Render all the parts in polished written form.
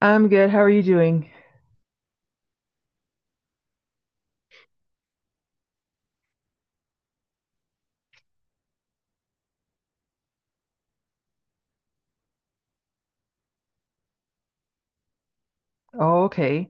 I'm good. How are you doing? Oh, okay.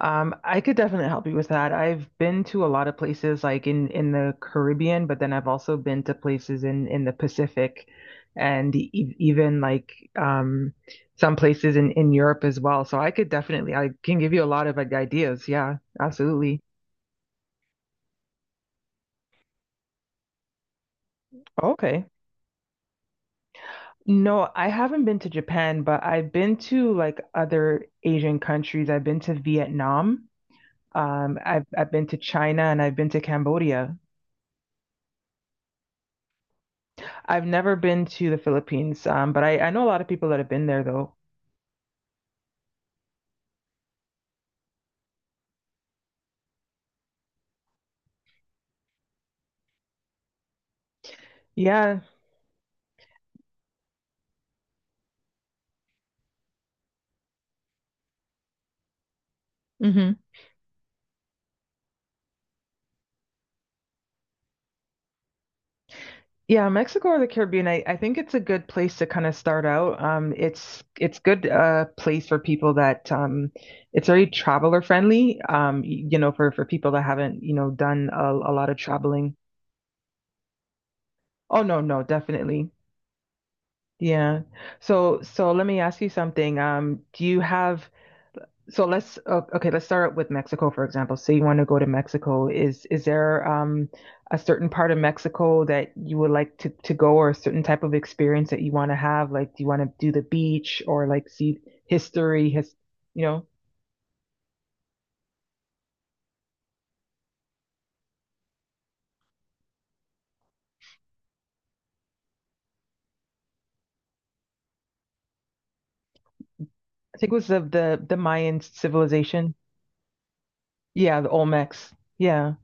I could definitely help you with that. I've been to a lot of places like in the Caribbean, but then I've also been to places in the Pacific and e even like some places in Europe as well. So I could definitely I can give you a lot of like, ideas. Yeah, absolutely. Okay. No, I haven't been to Japan, but I've been to like other Asian countries. I've been to Vietnam. I've been to China and I've been to Cambodia. I've never been to the Philippines, but I know a lot of people that have been there though. Yeah, hmm yeah, Mexico or the Caribbean, I think it's a good place to kind of start out. It's good place for people that it's very traveler friendly. You know, for people that haven't, done a lot of traveling. Oh no, no, definitely. Yeah. So let me ask you something. Do you have So let's start with Mexico, for example. So you want to go to Mexico. Is there a certain part of Mexico that you would like to go or a certain type of experience that you want to have? Like, do you want to do the beach or like see history? You know, I think it was of the Mayan civilization. Yeah, the Olmecs. Yeah.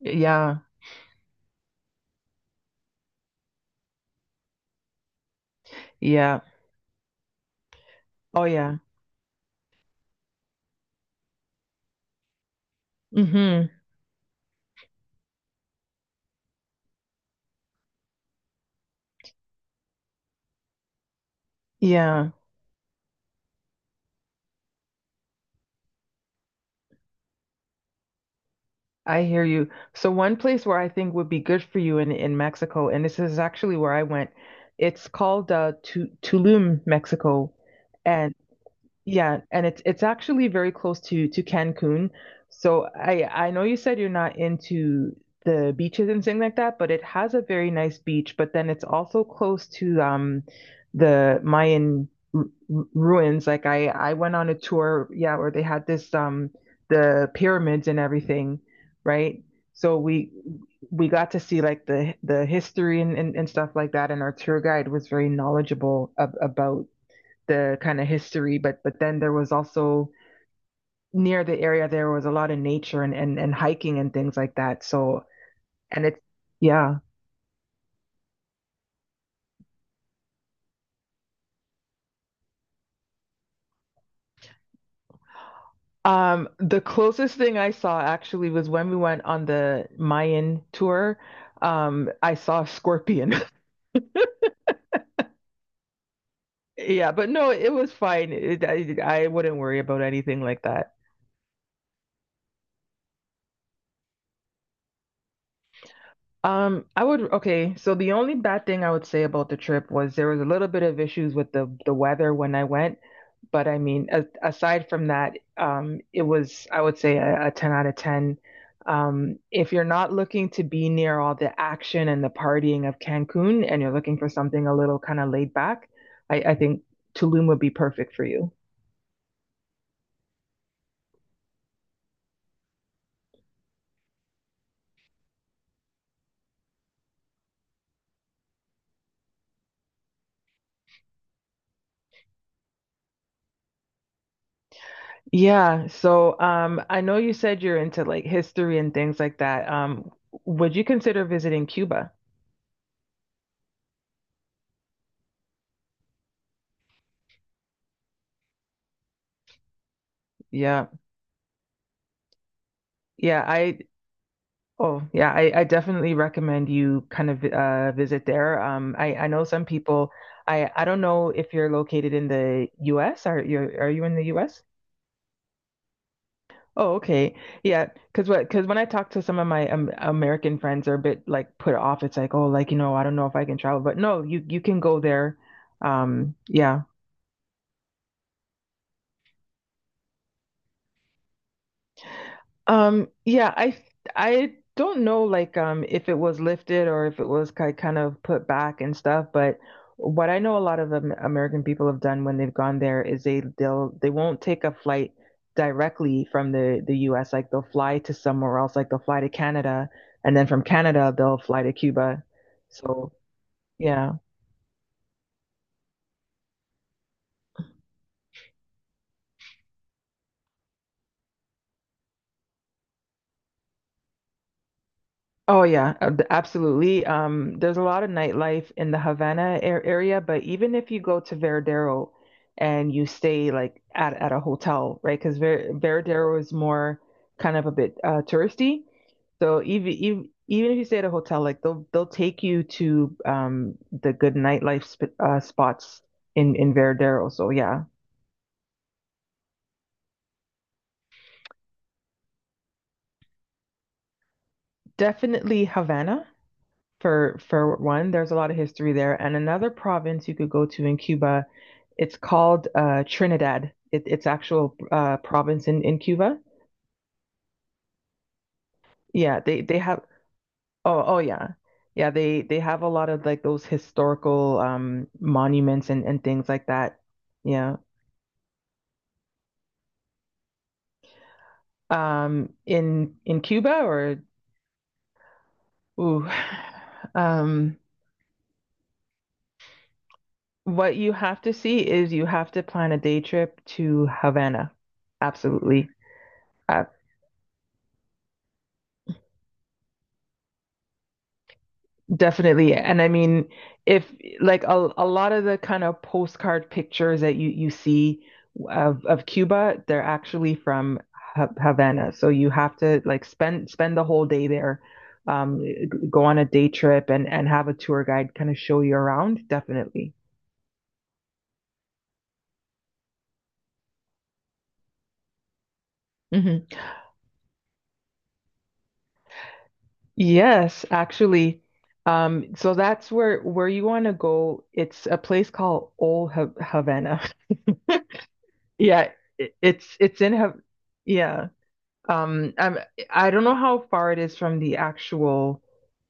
Yeah. Yeah. Oh yeah. Mm-hmm. Yeah. I hear you. So one place where I think would be good for you in Mexico, and this is actually where I went. It's called Tulum, Mexico, Mm. and yeah, and it's actually very close to Cancun. So I know you said you're not into the beaches and things like that, but it has a very nice beach. But then it's also close to the Mayan ruins. Like I went on a tour, yeah, where they had this the pyramids and everything, right? So we got to see like the history and stuff like that, and our tour guide was very knowledgeable ab about the kind of history, but then there was also near the area there was a lot of nature and hiking and things like that. So and it's, yeah. The closest thing I saw actually was when we went on the Mayan tour. I saw a scorpion. Yeah, but no, it was fine. I wouldn't worry about anything like that. I would okay. So the only bad thing I would say about the trip was there was a little bit of issues with the weather when I went, but I mean, aside from that, it was, I would say, a 10 out of 10. If you're not looking to be near all the action and the partying of Cancun and you're looking for something a little kind of laid back, I think Tulum would be perfect for you. Yeah. So I know you said you're into like history and things like that. Would you consider visiting Cuba? Yeah. Yeah. I Oh, yeah, I definitely recommend you kind of visit there. I know some people, I don't know if you're located in the US. Are you in the US? Oh, okay. Yeah, because when I talk to some of my American friends, they're a bit like put off. It's like, oh, like I don't know if I can travel, but no, you can go there. Yeah. Yeah, I don't know like if it was lifted or if it was ki kind of put back and stuff, but what I know a lot of Am American people have done when they've gone there is they won't take a flight directly from the US, like they'll fly to somewhere else, like they'll fly to Canada and then from Canada they'll fly to Cuba. So, yeah. Oh yeah, absolutely. There's a lot of nightlife in the Havana ar area, but even if you go to Veradero and you stay like at a hotel, right? Because Veradero is more kind of a bit touristy. So even if you stay at a hotel, like they'll take you to the good nightlife sp spots in Veradero. So yeah, definitely Havana for one. There's a lot of history there, and another province you could go to in Cuba. It's called Trinidad. It's actual province in Cuba. Yeah, they have. Oh, yeah, yeah. They have a lot of like those historical monuments and things like that. Yeah. In Cuba or? Ooh. um, what you have to see is you have to plan a day trip to Havana. Absolutely. Uh, Definitely. And I mean, if like a lot of the kind of postcard pictures that you see of Cuba, they're actually from Havana. So you have to like spend the whole day there, go on a day trip and have a tour guide kind of show you around. Definitely. Hmm. Yes, actually. So that's where you want to go. It's a place called Old Havana. Yeah, it's in Hav, yeah. Um, I'm, I don't know how far it is from the actual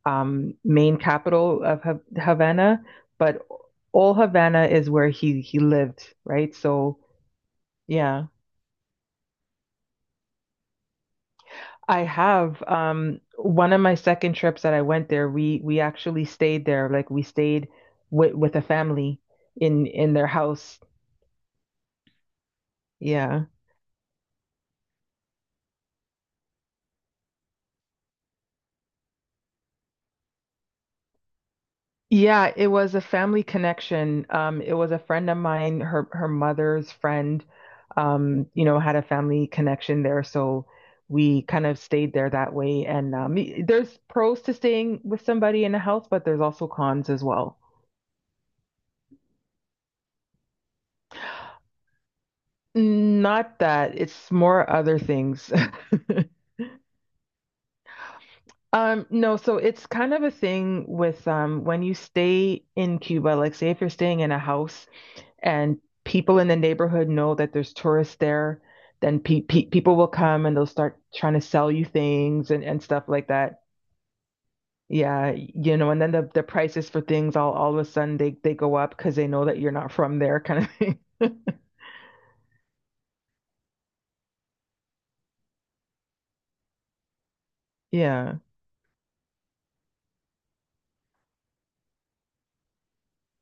main capital of Havana, but all Havana is where he lived, right? So yeah, I have one of my second trips that I went there. We actually stayed there, like we stayed with a family in their house. Yeah. Yeah, it was a family connection. It was a friend of mine, her mother's friend, had a family connection there, so we kind of stayed there that way. And there's pros to staying with somebody in a house, but there's also cons as well. Not that, it's more other things. No, so it's kind of a thing with when you stay in Cuba, like say if you're staying in a house. And people in the neighborhood know that there's tourists there, then pe pe people will come and they'll start trying to sell you things and stuff like that. Yeah, and then the prices for things all of a sudden they go up because they know that you're not from there kind of thing. Yeah.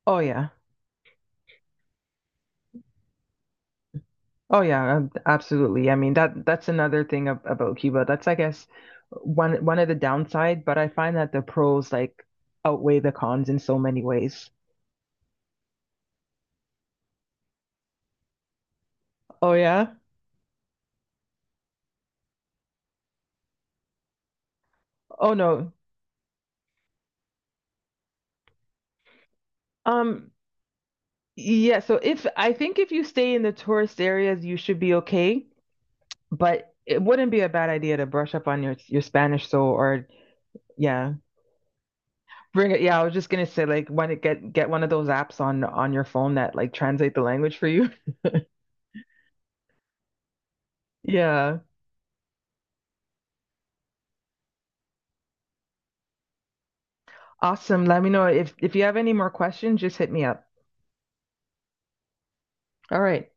Oh yeah. Oh yeah, absolutely. I mean that's another thing ab about Cuba. That's I guess one of the downside, but I find that the pros like outweigh the cons in so many ways. Oh yeah? Oh no. Um Yeah, so if I think if you stay in the tourist areas, you should be okay, but it wouldn't be a bad idea to brush up on your Spanish so or yeah. Bring it. Yeah, I was just gonna say like want to get one of those apps on your phone that like translate the language for you. Yeah. Awesome. Let me know if you have any more questions, just hit me up. All right.